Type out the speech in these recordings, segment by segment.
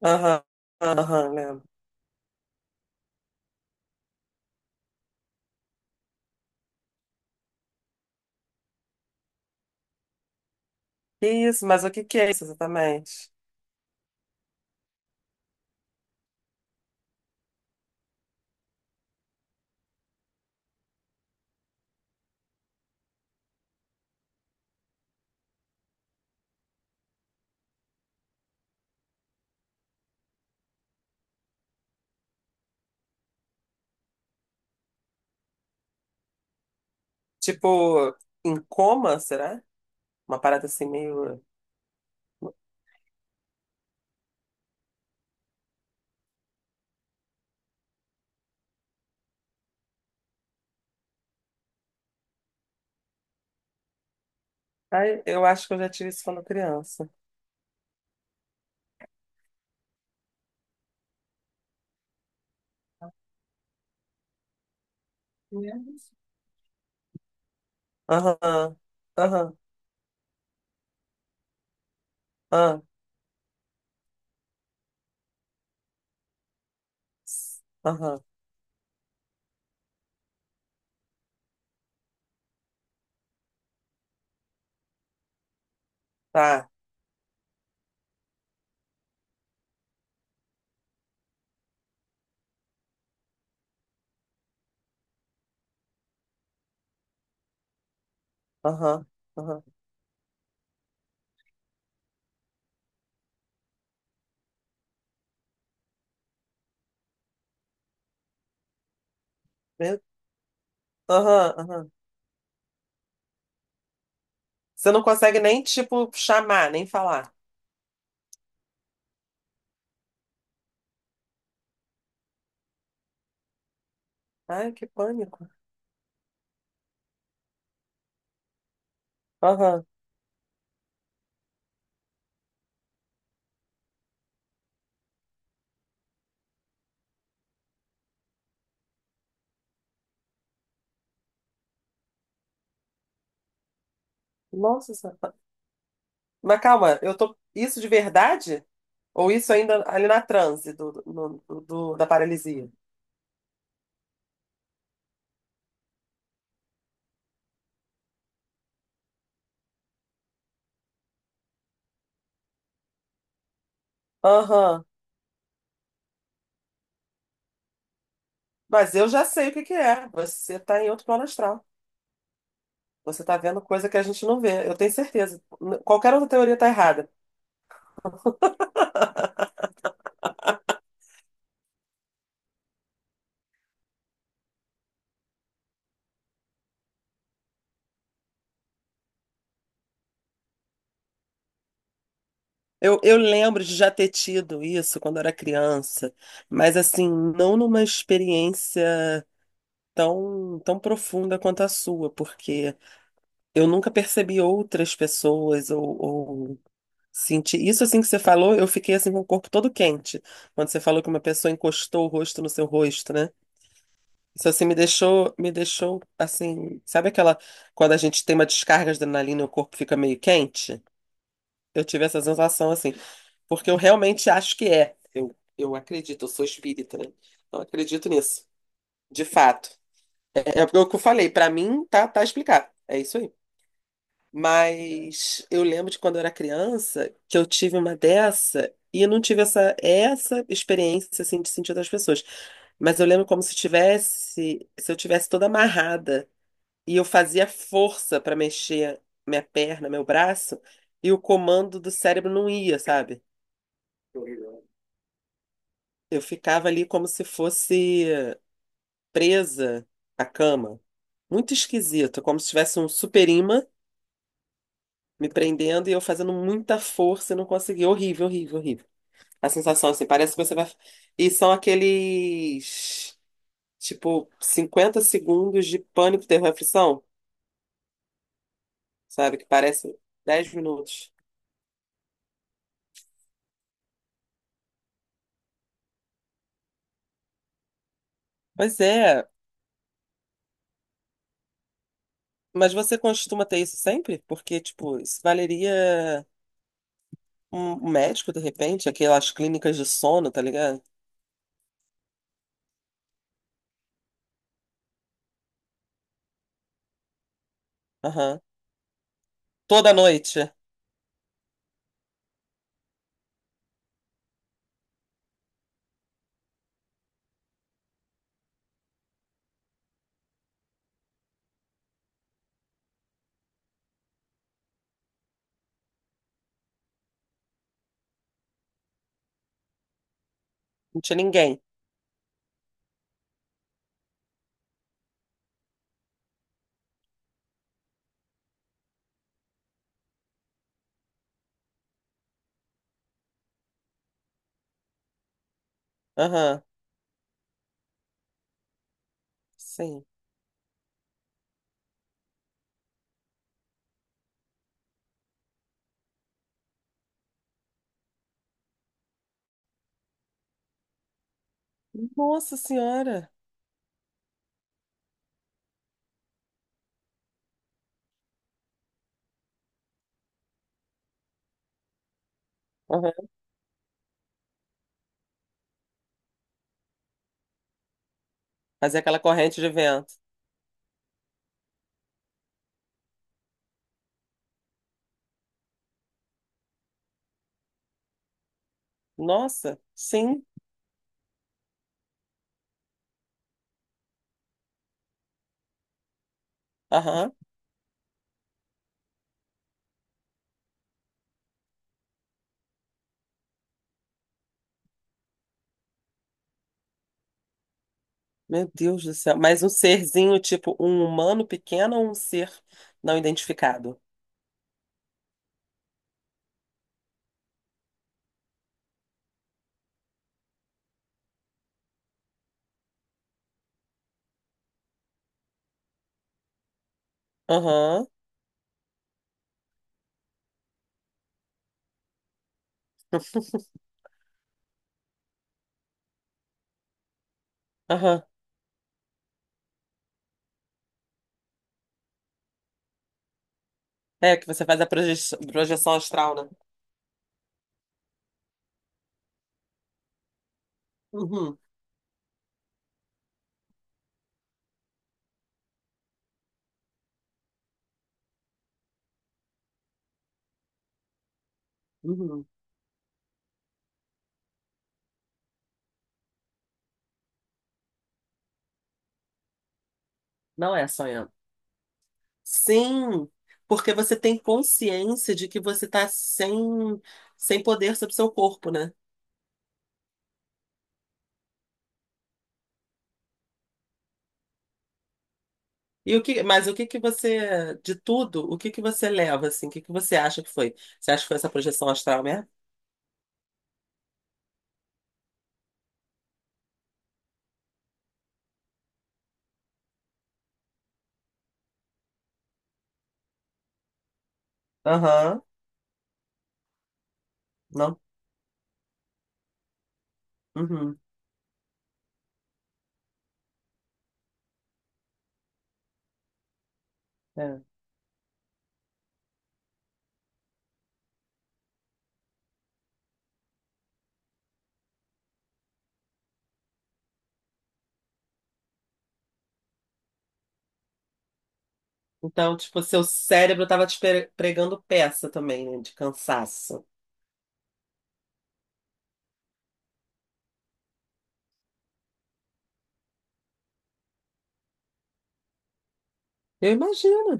Aham, aham, lembro. Que isso, mas o que que é isso exatamente? Tipo, em coma, será? Uma parada assim meio. Ai, eu acho que eu já tive isso quando criança. Mesmo? Aham, aham, aham, aham, tá, aham, aham. Aham, aham. Você não consegue nem, tipo, chamar, nem falar. Ai, que pânico. Aham. Nossa Senhora. Mas calma, eu tô. Isso de verdade? Ou isso ainda ali na transe da paralisia? Aham. Mas eu já sei o que que é. Você tá em outro plano astral. Você tá vendo coisa que a gente não vê. Eu tenho certeza. Qualquer outra teoria tá errada. Eu lembro de já ter tido isso quando eu era criança, mas assim, não numa experiência tão profunda quanto a sua, porque eu nunca percebi outras pessoas ou senti. Isso assim que você falou, eu fiquei assim com o corpo todo quente, quando você falou que uma pessoa encostou o rosto no seu rosto, né? Isso assim me deixou assim, sabe aquela quando a gente tem uma descarga de adrenalina e o corpo fica meio quente? Eu tive essa sensação assim, porque eu realmente acho que é. Eu acredito, eu sou espírita, né? Então eu acredito nisso, de fato. É porque o que eu falei, pra mim tá explicado. É isso aí. Mas eu lembro de quando eu era criança que eu tive uma dessa e eu não tive essa experiência assim de sentir outras pessoas. Mas eu lembro como se eu tivesse toda amarrada e eu fazia força pra mexer minha perna, meu braço, e o comando do cérebro não ia, sabe? Eu ficava ali como se fosse presa à cama. Muito esquisito, como se tivesse um super imã me prendendo e eu fazendo muita força e não consegui. Horrível, horrível, horrível. A sensação, assim, parece que você vai. E são aqueles, tipo, 50 segundos de pânico, terror e aflição, sabe? Que parece 10 minutos. Pois é, mas você costuma ter isso sempre? Porque, tipo, isso valeria um médico, de repente, aquelas clínicas de sono, tá ligado? Aham. Toda noite. Não tinha ninguém. Aham. Sim. Nossa Senhora. Aham. Fazer aquela corrente de vento. Nossa, sim. Aham. Meu Deus do céu. Mas um serzinho, tipo um humano pequeno ou um ser não identificado? Aham. Aham. É que você faz a projeção astral, né? Uhum. Uhum. Não é sonhando. Sim, porque você tem consciência de que você está sem poder sobre seu corpo, né? Mas o que que você, de tudo, o que que você leva, assim? O que que você acha que foi? Você acha que foi essa projeção astral mesmo? Aham, não. Uhum, é. Então, tipo, seu cérebro tava te pregando peça também, né, de cansaço. Eu imagino,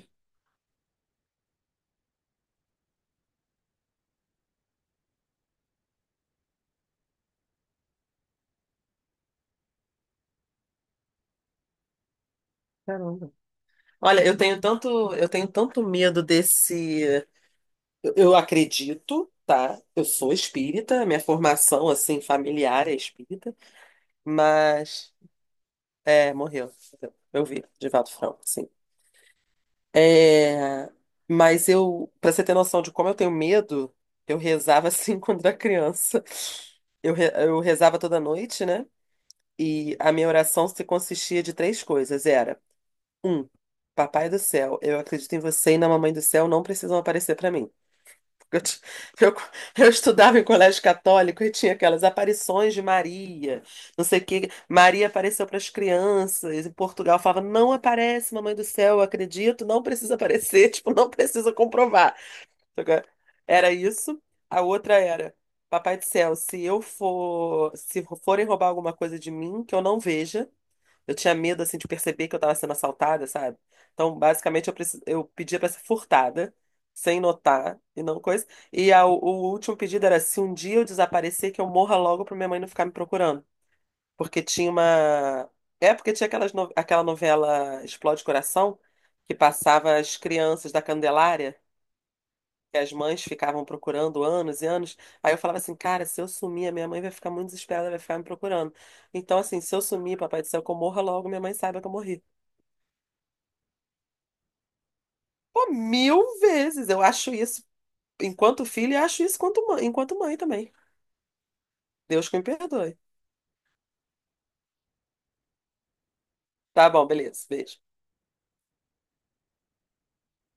caramba. Olha, eu tenho tanto medo desse. Eu acredito, tá? Eu sou espírita, minha formação assim familiar é espírita, mas é, morreu. Eu vi, Divaldo Franco, sim. É, mas pra você ter noção de como eu tenho medo, eu rezava assim quando era criança. Eu rezava toda noite, né? E a minha oração se consistia de três coisas. Era, um, Papai do céu, eu acredito em você e na Mamãe do céu não precisam aparecer pra mim. Eu, ti- eu, eu estudava em colégio católico e tinha aquelas aparições de Maria, não sei o que. Maria apareceu para as crianças, em Portugal falava, não aparece, mamãe do céu, eu acredito, não precisa aparecer, tipo, não precisa comprovar. Sacou? Era isso. A outra era, papai do céu, se forem roubar alguma coisa de mim, que eu não veja. Eu tinha medo, assim, de perceber que eu tava sendo assaltada, sabe? Então, basicamente, eu pedia pra ser furtada, sem notar, e não coisa. O último pedido era, se um dia eu desaparecer, que eu morra logo pra minha mãe não ficar me procurando. Porque tinha uma. É, porque tinha aquelas no- aquela novela Explode Coração, que passava as crianças da Candelária, que as mães ficavam procurando anos e anos. Aí eu falava assim, cara, se eu sumir, a minha mãe vai ficar muito desesperada, vai ficar me procurando. Então, assim, se eu sumir, papai do céu, que eu morra logo, minha mãe saiba que eu morri. Pô, mil vezes. Eu acho isso enquanto filho e acho isso enquanto mãe também. Deus que me perdoe. Tá bom, beleza. Beijo.